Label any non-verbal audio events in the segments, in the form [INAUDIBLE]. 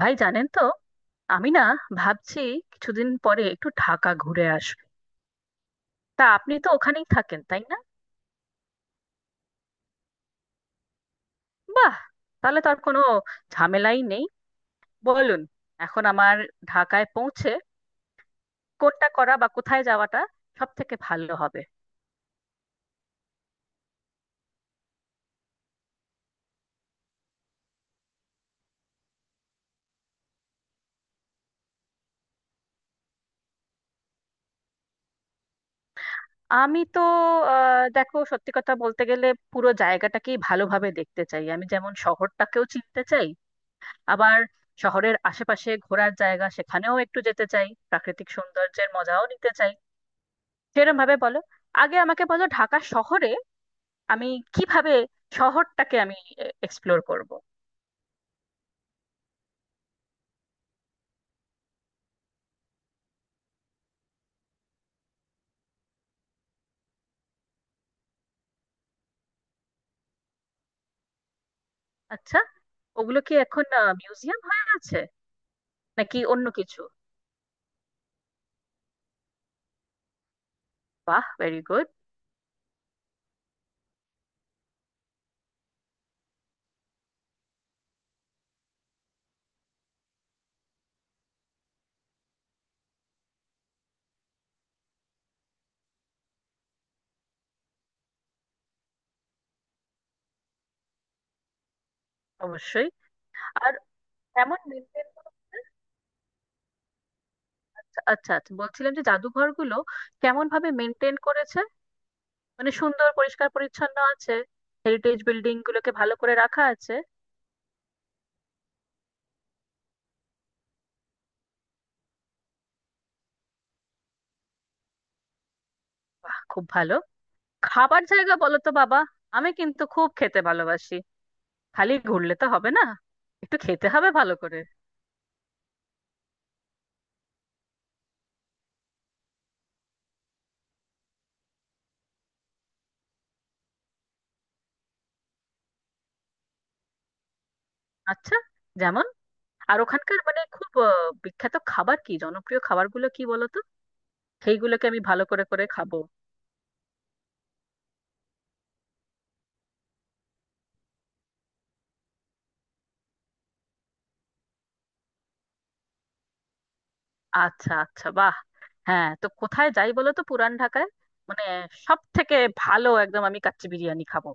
ভাই জানেন তো, আমি না ভাবছি কিছুদিন পরে একটু ঢাকা ঘুরে আসবো। তা আপনি তো ওখানেই থাকেন, তাই না? বাহ, তাহলে তো আর কোনো ঝামেলাই নেই। বলুন, এখন আমার ঢাকায় পৌঁছে কোনটা করা বা কোথায় যাওয়াটা সব থেকে ভালো হবে? আমি তো, দেখো সত্যি কথা বলতে গেলে পুরো জায়গাটাকেই ভালোভাবে দেখতে চাই। আমি যেমন শহরটাকেও চিনতে চাই, আবার শহরের আশেপাশে ঘোরার জায়গা সেখানেও একটু যেতে চাই, প্রাকৃতিক সৌন্দর্যের মজাও নিতে চাই। সেরকম ভাবে বলো, আগে আমাকে বলো ঢাকা শহরে আমি কিভাবে শহরটাকে আমি এক্সপ্লোর করব। আচ্ছা, ওগুলো কি এখন মিউজিয়াম হয়ে আছে নাকি অন্য কিছু? বাহ, ভেরি গুড। অবশ্যই। আর এমন মেনটেন। আচ্ছা, আচ্ছা, বলছিলাম যে জাদুঘরগুলো কেমন ভাবে মেনটেন করেছে, মানে সুন্দর পরিষ্কার পরিচ্ছন্ন আছে, হেরিটেজ বিল্ডিং গুলোকে ভালো করে রাখা আছে? বাহ, খুব ভালো। খাবার জায়গা বলো তো বাবা, আমি কিন্তু খুব খেতে ভালোবাসি। খালি ঘুরলে তো হবে না, একটু খেতে হবে ভালো করে। আচ্ছা, যেমন? আর ওখানকার মানে খুব বিখ্যাত খাবার কি, জনপ্রিয় খাবারগুলো কি বলো তো, সেইগুলোকে আমি ভালো করে করে খাবো। আচ্ছা, আচ্ছা, বাহ। হ্যাঁ, তো কোথায় যাই বলো তো পুরান ঢাকায়? মানে সব থেকে ভালো, একদম আমি কাচ্চি বিরিয়ানি খাবো।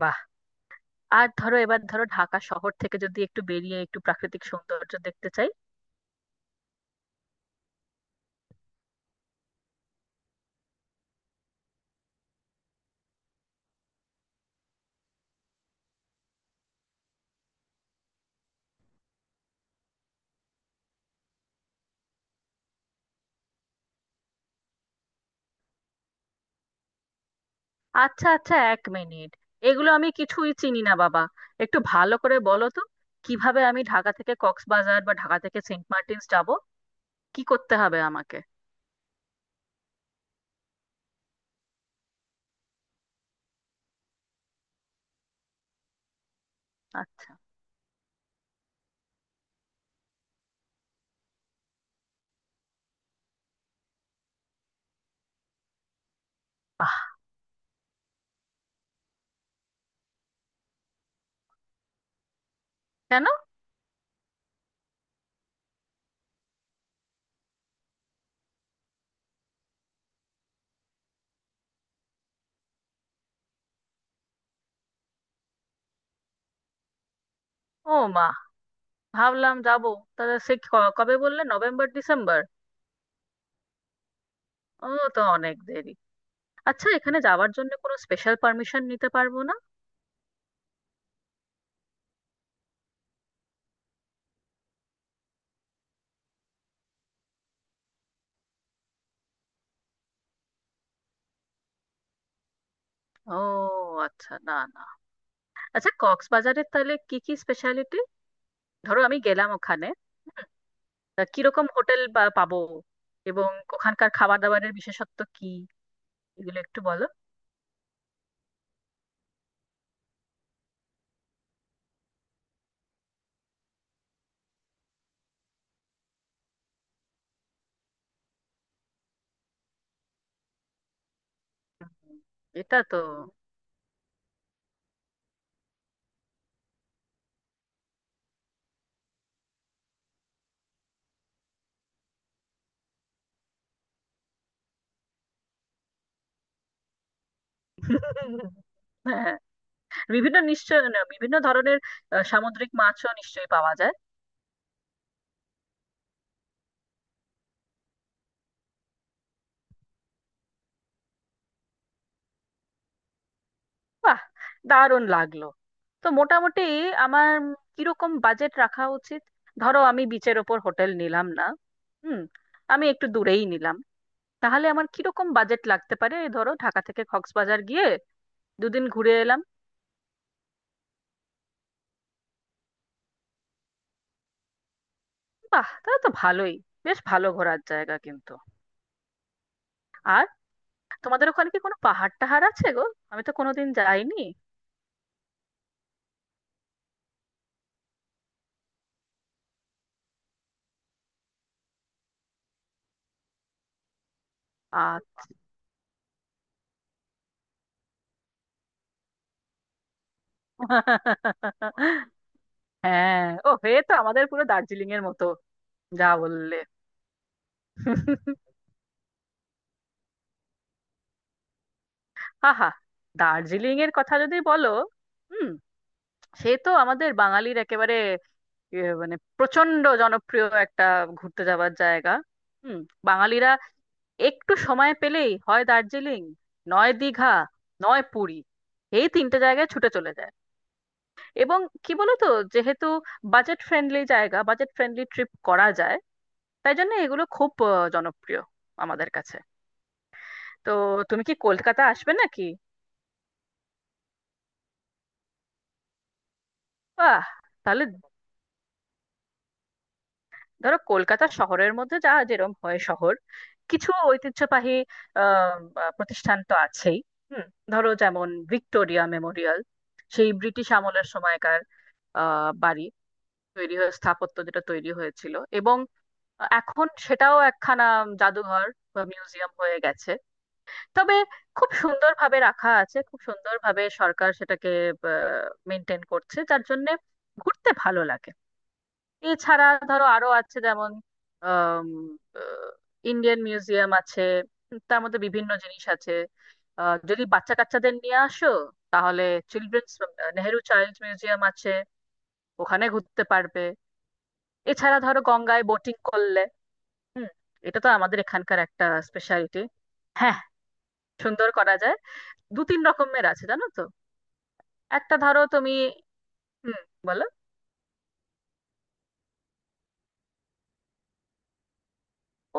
বাহ। আর ধরো, এবার ধরো ঢাকা শহর থেকে যদি একটু বেরিয়ে একটু প্রাকৃতিক সৌন্দর্য দেখতে চাই। আচ্ছা, আচ্ছা, এক মিনিট। এগুলো আমি কিছুই চিনি না বাবা, একটু ভালো করে বলো তো কিভাবে আমি ঢাকা থেকে কক্সবাজার বা ঢাকা থেকে সেন্ট মার্টিনস যাব, কি করতে হবে আমাকে? আচ্ছা। বাহ। কেন? ও মা, ভাবলাম যাব। তাহলে সে কবে বললে, নভেম্বর ডিসেম্বর? ও, তো অনেক দেরি। আচ্ছা, এখানে যাওয়ার জন্য কোনো স্পেশাল পারমিশন নিতে পারবো না? ও, আচ্ছা, না না। আচ্ছা, কক্সবাজারের তাহলে কি কি স্পেশালিটি? ধরো আমি গেলাম ওখানে, তা কিরকম হোটেল বা পাবো, এবং ওখানকার খাবার দাবারের বিশেষত্ব কি, এগুলো একটু বলো। হুম, এটা তো। [LAUGHS] হ্যাঁ, বিভিন্ন বিভিন্ন ধরনের সামুদ্রিক মাছও নিশ্চয়ই পাওয়া যায়। বাহ, দারুণ লাগলো। তো মোটামুটি আমার কিরকম বাজেট রাখা উচিত? ধরো আমি বিচের ওপর হোটেল নিলাম না। হুম, আমি একটু দূরেই নিলাম। তাহলে আমার কিরকম বাজেট লাগতে পারে, ধরো ঢাকা থেকে কক্সবাজার গিয়ে দুদিন ঘুরে এলাম? বাহ, তাহলে তো ভালোই, বেশ ভালো ঘোরার জায়গা কিন্তু। আর তোমাদের ওখানে কি কোনো পাহাড় টাহাড় আছে গো? আমি তো কোনোদিন যাইনি। আর [LAUGHS] হ্যাঁ, ও হয়ে তো আমাদের পুরো দার্জিলিং এর মতো, যা বললে। [LAUGHS] আহা, দার্জিলিং এর কথা যদি বলো, হুম, সে তো আমাদের বাঙালির একেবারে মানে প্রচন্ড জনপ্রিয় একটা ঘুরতে যাওয়ার জায়গা। হুম, বাঙালিরা একটু সময় পেলেই হয় দার্জিলিং, নয় দীঘা, নয় পুরী, এই তিনটে জায়গায় ছুটে চলে যায়। এবং কি বলতো, যেহেতু বাজেট ফ্রেন্ডলি জায়গা, বাজেট ফ্রেন্ডলি ট্রিপ করা যায়, তাই জন্য এগুলো খুব জনপ্রিয় আমাদের কাছে। তো তুমি কি কলকাতা আসবে নাকি? বাহ, তাহলে ধরো কলকাতা শহরের মধ্যে যা যেরকম হয় শহর, কিছু ঐতিহ্যবাহী আহ আহ, প্রতিষ্ঠান তো আছেই। হুম, ধরো যেমন ভিক্টোরিয়া মেমোরিয়াল, সেই ব্রিটিশ আমলের সময়কার বাড়ি তৈরি হয়ে স্থাপত্য যেটা তৈরি হয়েছিল, এবং এখন সেটাও একখানা জাদুঘর বা মিউজিয়াম হয়ে গেছে। তবে খুব সুন্দরভাবে রাখা আছে, খুব সুন্দরভাবে সরকার সেটাকে মেনটেন করছে, যার জন্য ঘুরতে ভালো লাগে। এছাড়া ধরো আরো আছে, যেমন ইন্ডিয়ান মিউজিয়াম আছে, তার মধ্যে বিভিন্ন জিনিস আছে। যদি বাচ্চা কাচ্চাদের নিয়ে আসো, তাহলে চিলড্রেন্স, নেহেরু চাইল্ড মিউজিয়াম আছে, ওখানে ঘুরতে পারবে। এছাড়া ধরো গঙ্গায় বোটিং করলে, হুম, এটা তো আমাদের এখানকার একটা স্পেশালিটি। হ্যাঁ, সুন্দর করা যায়। দু তিন রকমের আছে, জানো তো? একটা ধরো তুমি, হুম, বলো।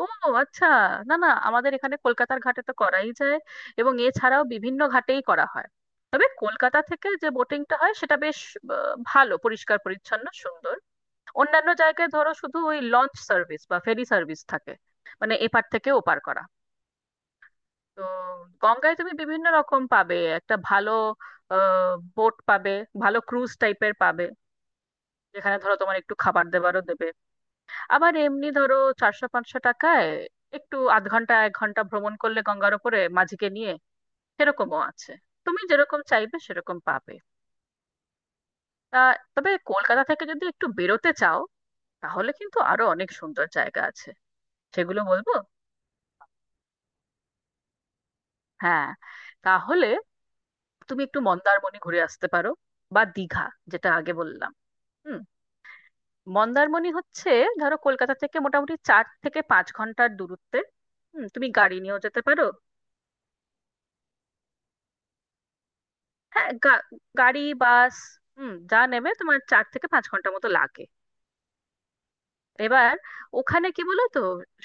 ও, আচ্ছা, না না, আমাদের এখানে কলকাতার ঘাটে তো করাই যায়, এবং এছাড়াও বিভিন্ন ঘাটেই করা হয়। তবে কলকাতা থেকে যে বোটিংটা হয় সেটা বেশ ভালো, পরিষ্কার পরিচ্ছন্ন সুন্দর। অন্যান্য জায়গায় ধরো শুধু ওই লঞ্চ সার্ভিস বা ফেরি সার্ভিস থাকে, মানে এপার থেকে ওপার করা। তো গঙ্গায় তুমি বিভিন্ন রকম পাবে, একটা ভালো বোট পাবে, ভালো ক্রুজ টাইপের পাবে, যেখানে ধরো তোমার একটু খাবার দাবারও দেবে। আবার এমনি ধরো 400-500 টাকায় একটু আধ ঘন্টা 1 ঘন্টা ভ্রমণ করলে গঙ্গার ওপরে মাঝিকে নিয়ে, সেরকমও আছে। তুমি যেরকম চাইবে সেরকম পাবে। তা তবে কলকাতা থেকে যদি একটু বেরোতে চাও, তাহলে কিন্তু আরো অনেক সুন্দর জায়গা আছে। সেগুলো বলবো, হ্যাঁ। তাহলে তুমি একটু মন্দারমণি ঘুরে আসতে পারো, বা দীঘা, যেটা আগে বললাম। হুম, মন্দারমণি হচ্ছে ধরো কলকাতা থেকে মোটামুটি 4 থেকে 5 ঘন্টার দূরত্বে। হুম, তুমি গাড়ি নিয়েও যেতে পারো। হ্যাঁ, গাড়ি, বাস, হুম, যা নেবে তোমার 4 থেকে 5 ঘন্টা মতো লাগে। এবার ওখানে কি বলো তো,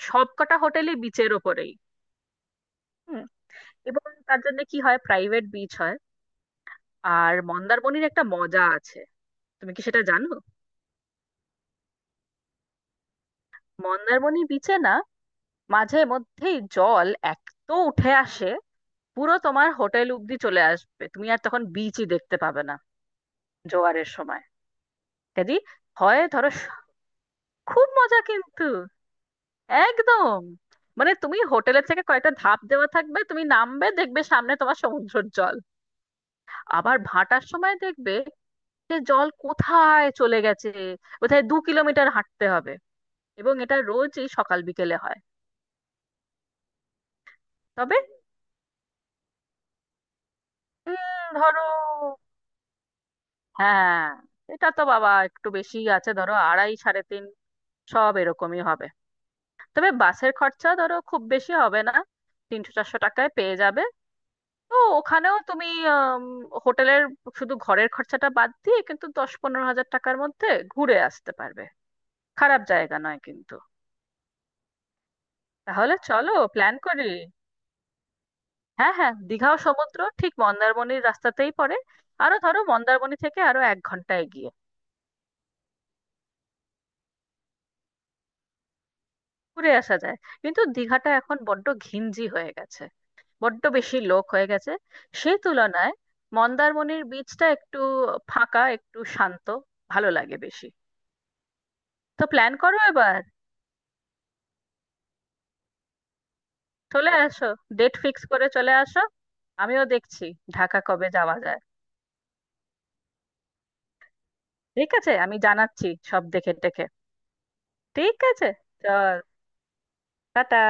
সব কটা হোটেলই বিচের ওপরেই। হুম, এবং তার জন্য কি হয়, প্রাইভেট বিচ হয়। আর মন্দারমণির একটা মজা আছে, তুমি কি সেটা জানো? মন্দারমণি বিচে না, মাঝে মধ্যেই জল এত উঠে আসে, পুরো তোমার হোটেল অব্দি চলে আসবে, তুমি আর তখন বিচই দেখতে পাবে না, জোয়ারের সময়। কাজেই হয় ধরো খুব মজা কিন্তু একদম। মানে তুমি হোটেলের থেকে কয়েকটা ধাপ দেওয়া থাকবে, তুমি নামবে দেখবে সামনে তোমার সমুদ্রের জল। আবার ভাটার সময় দেখবে যে জল কোথায় চলে গেছে, কোথায় 2 কিলোমিটার হাঁটতে হবে। এবং এটা রোজই সকাল বিকেলে হয়। তবে ধরো, হ্যাঁ, এটা তো বাবা একটু বেশি আছে, ধরো 2.5, 3.5, সব এরকমই হবে। তবে বাসের খরচা ধরো খুব বেশি হবে না, 300-400 টাকায় পেয়ে যাবে। তো ওখানেও তুমি আম, হোটেলের শুধু ঘরের খরচাটা বাদ দিয়ে কিন্তু 10-15 হাজার টাকার মধ্যে ঘুরে আসতে পারবে। খারাপ জায়গা নয় কিন্তু। তাহলে চলো প্ল্যান করি। হ্যাঁ হ্যাঁ, দীঘাও সমুদ্র, ঠিক মন্দারমণির রাস্তাতেই পড়ে। আরো ধরো মন্দারমণি থেকে আরো 1 ঘন্টা এগিয়ে, ঘুরে আসা যায়। কিন্তু দীঘাটা এখন বড্ড ঘিঞ্জি হয়ে গেছে, বড্ড বেশি লোক হয়ে গেছে। সেই তুলনায় মন্দারমণির বীচটা একটু ফাঁকা, একটু শান্ত, ভালো লাগে বেশি। তো প্ল্যান করো এবার, চলে আসো, ডেট ফিক্স করে চলে আসো। আমিও দেখছি ঢাকা কবে যাওয়া যায়। ঠিক আছে, আমি জানাচ্ছি সব দেখে টেখে। ঠিক আছে, চল, টাটা।